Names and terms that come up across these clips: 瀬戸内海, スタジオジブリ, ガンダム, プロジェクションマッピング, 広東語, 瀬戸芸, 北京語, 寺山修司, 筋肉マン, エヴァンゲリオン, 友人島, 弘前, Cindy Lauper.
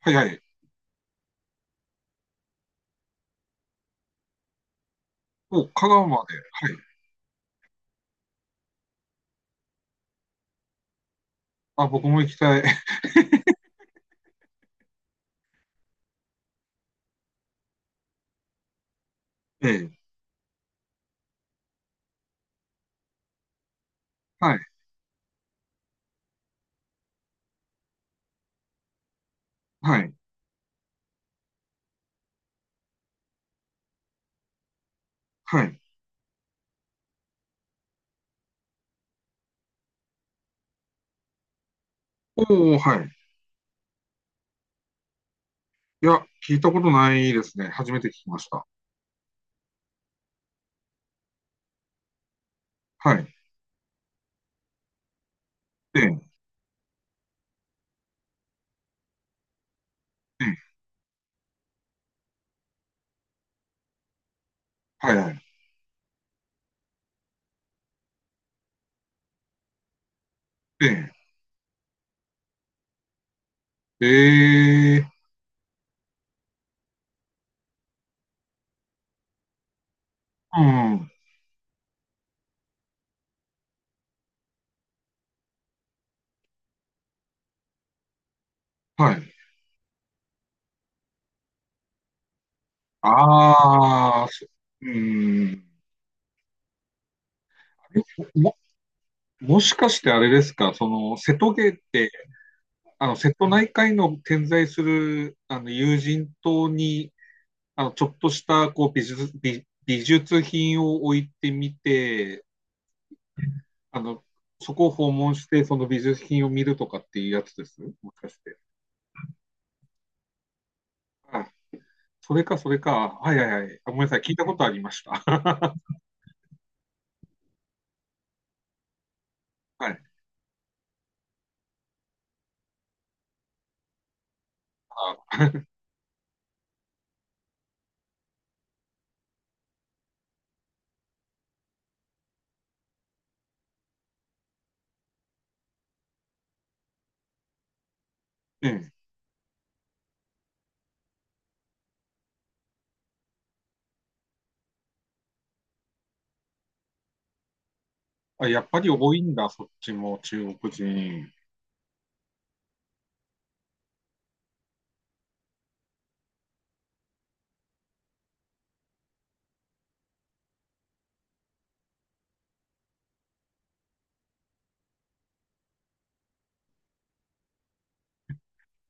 はいはい。お、香川まで。はい。あ、僕も行きたい。ええ。はい。はい。はい。おお、はい。いや、聞いたことないですね。初めて聞きました。はい。ええ、ええ、はいはい。ええ、ええ、うん、はい。ああ、そうん。あれも、もしかしてあれですか？その、瀬戸芸って、あの、瀬戸内海の点在する、あの、友人島にあの、ちょっとした、こう、美術、美、美術品を置いてみて、あの、そこを訪問して、その美術品を見るとかっていうやつです。もしかして。あ、それか、それか。はいはいはい。あ、ごめんなさい。聞いたことありました。はい。あ、ええ。あ、やっぱり多いんだ、そっちも、中国人。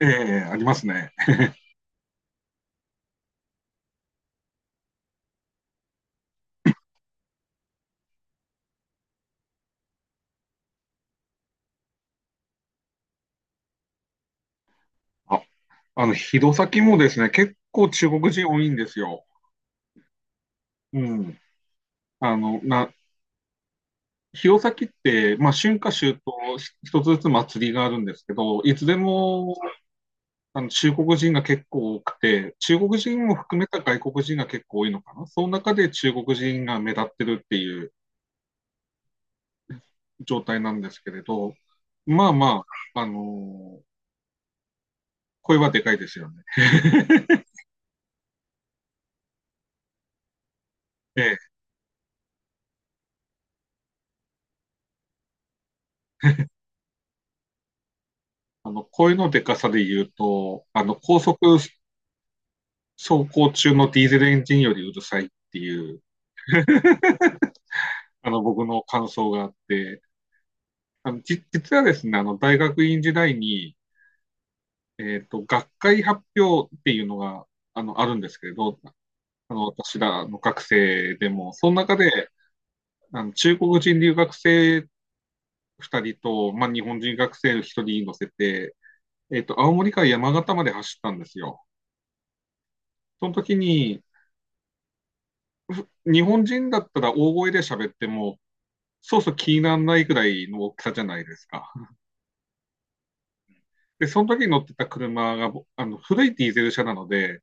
ええ、ありますね。あ、あの、弘前もですね、結構中国人多いんですよ。うん。あの、な、弘前って、まあ、春夏秋冬、し一つずつ祭りがあるんですけど、いつでもあの中国人が結構多くて、中国人も含めた外国人が結構多いのかな。その中で中国人が目立ってるっていう状態なんですけれど、まあまあ、あの声はでかいですよね。ええ、あの声のでかさで言うと、あの高速走行中のディーゼルエンジンよりうるさいっていう、あの僕の感想があって、あの、じ、実はですね、あの、大学院時代に、学会発表っていうのが、あの、あるんですけれど、あの、私らの学生でも、その中で、あの、中国人留学生2人と、まあ、日本人学生1人乗せて、青森から山形まで走ったんですよ。その時に、ふ日本人だったら大声で喋っても、そうそう気にならないくらいの大きさじゃないですか。で、その時に乗ってた車が、ぼあの、古いディーゼル車なので、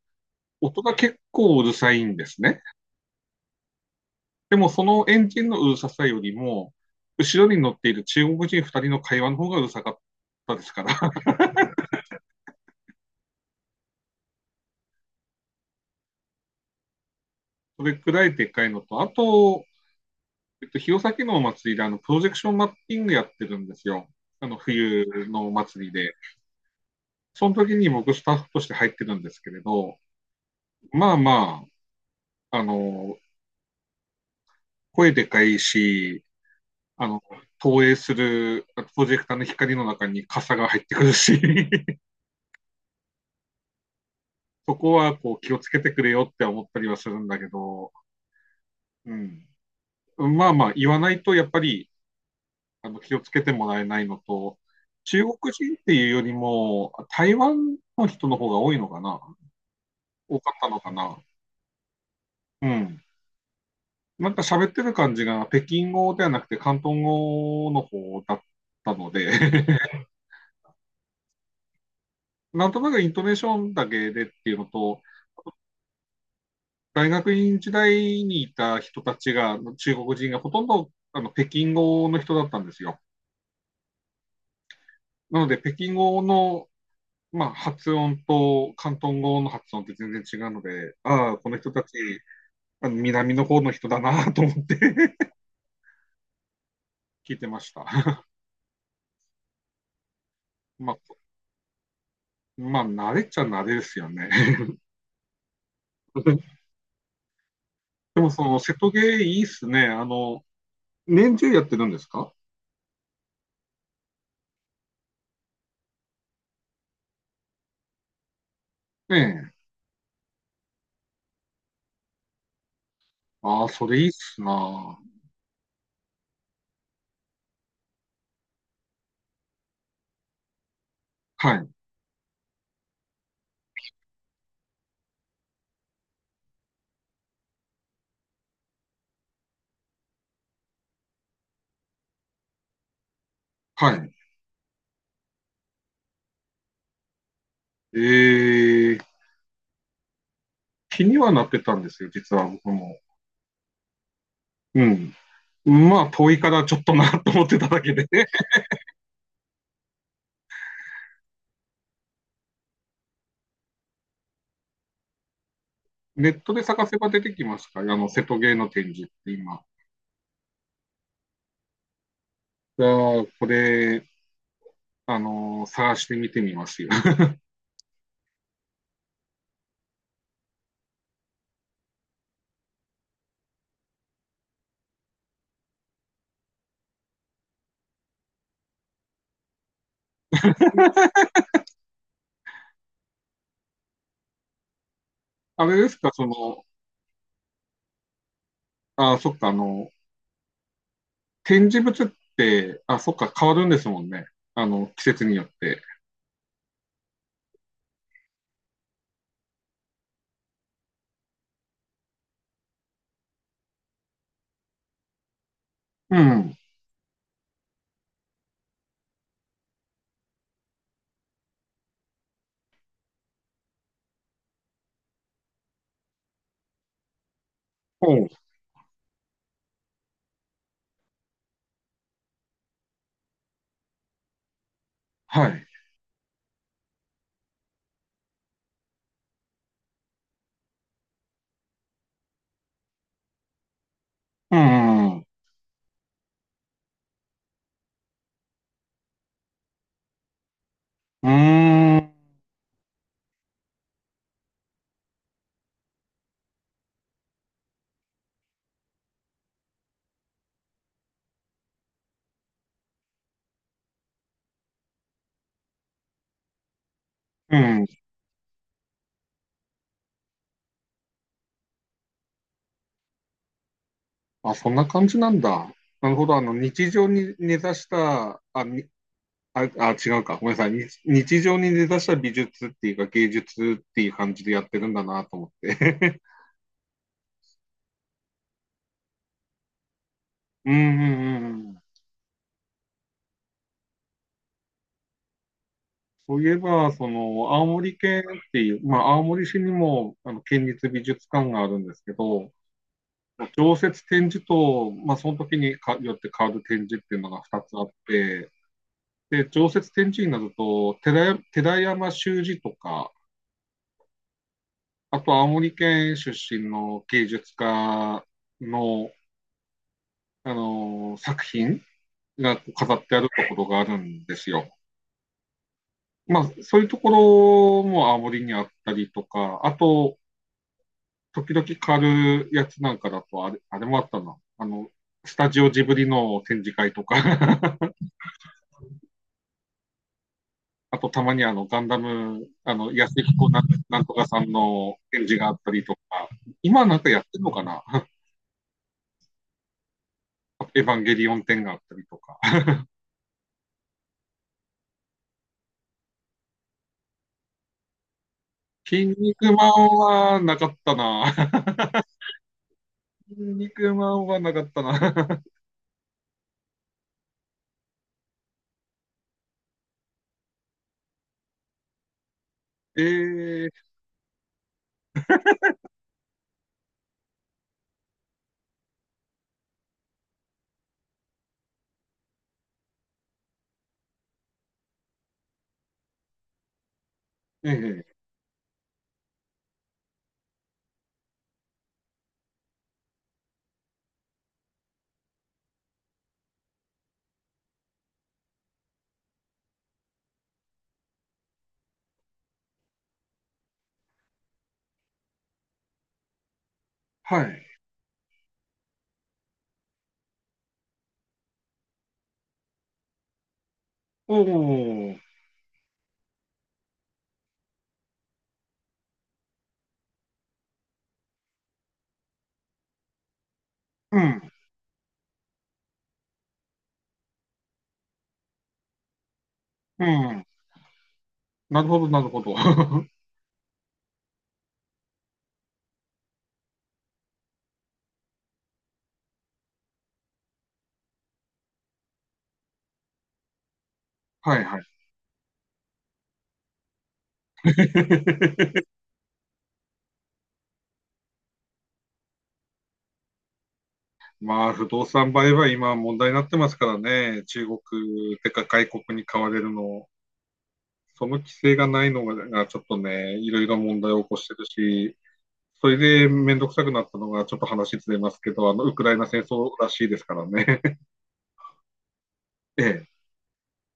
音が結構うるさいんですね。でもそのエンジンのうるささよりも、後ろに乗っている中国人2人の会話の方がうるさかったですから、それくらいでっかいのと、あと、弘前のお祭りであのプロジェクションマッピングやってるんですよ。あの冬のお祭りで。その時に僕スタッフとして入ってるんですけれど、まあまあ、あの、声でかいし、あの、投影するプロジェクターの光の中に傘が入ってくるし、そこはこう気をつけてくれよって思ったりはするんだけど、うん、まあまあ言わないとやっぱりあの気をつけてもらえないのと、中国人っていうよりも台湾の人の方が多いのかな、多かったのかな。うん。なんか喋ってる感じが北京語ではなくて広東語の方だったので なんとなくイントネーションだけでっていうのと、大学院時代にいた人たちが、中国人がほとんどあの北京語の人だったんですよ。なので、北京語の、まあ、発音と広東語の発音って全然違うので、ああ、この人たち、あの南の方の人だなと思って 聞いてました。まあ、まあ、慣れっちゃ慣れですよね。でも、その、瀬戸芸いいっすね。あの、年中やってるんですか？ええ。ああ、それいいっすな。はい。はい。ええ、気にはなってたんですよ、実は僕も。うん。まあ、遠いからちょっとなと思ってただけで、ネットで探せば出てきますか？あの、瀬戸芸の展示って今。じゃあ、これ、あの、探してみてみますよ。あれですか、その、あ、そっか、あの、展示物って、あ、そっか、変わるんですもんね。あの、季節によって。うん。おう、はい。うん、うん、うーん、うん。あ、そんな感じなんだ。なるほど。あの、日常に根ざした、あ、あ、あ、違うか。ごめんなさい。に日常に出だした美術っていうか芸術っていう感じでやってるんだなと思って。うんうんうんうん。そういえば、その、青森県っていう、まあ、青森市にも、あの、県立美術館があるんですけど、常設展示と、まあ、その時にかよって変わる展示っていうのが2つあって、で、常設展示になると、寺、寺山修司とか、あと青森県出身の芸術家の、あの、作品が飾ってあるところがあるんですよ。まあ、そういうところも青森にあったりとか、あと、時々狩るやつなんかだと、あれ、あれもあったな。あの、スタジオジブリの展示会とか あとたまにあのガンダム、あの、安井子なんなんとかさんの展示があったりとか、今なんかやってんのかな エヴァンゲリオン展があったりとか。筋肉マンはなかったな。筋肉マンはなかったな。えー、えー、はい。おお、うん、うん。なるほど、なるほど。はいはい。まあ、不動産売買、今問題になってますからね、中国てか外国に買われるの、その規制がないのがちょっとね、いろいろ問題を起こしてるし、それで面倒くさくなったのが、ちょっと話ずれますけど、あのウクライナ戦争らしいですからね。ええ、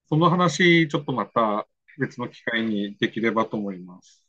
その話、ちょっとまた別の機会にできればと思います。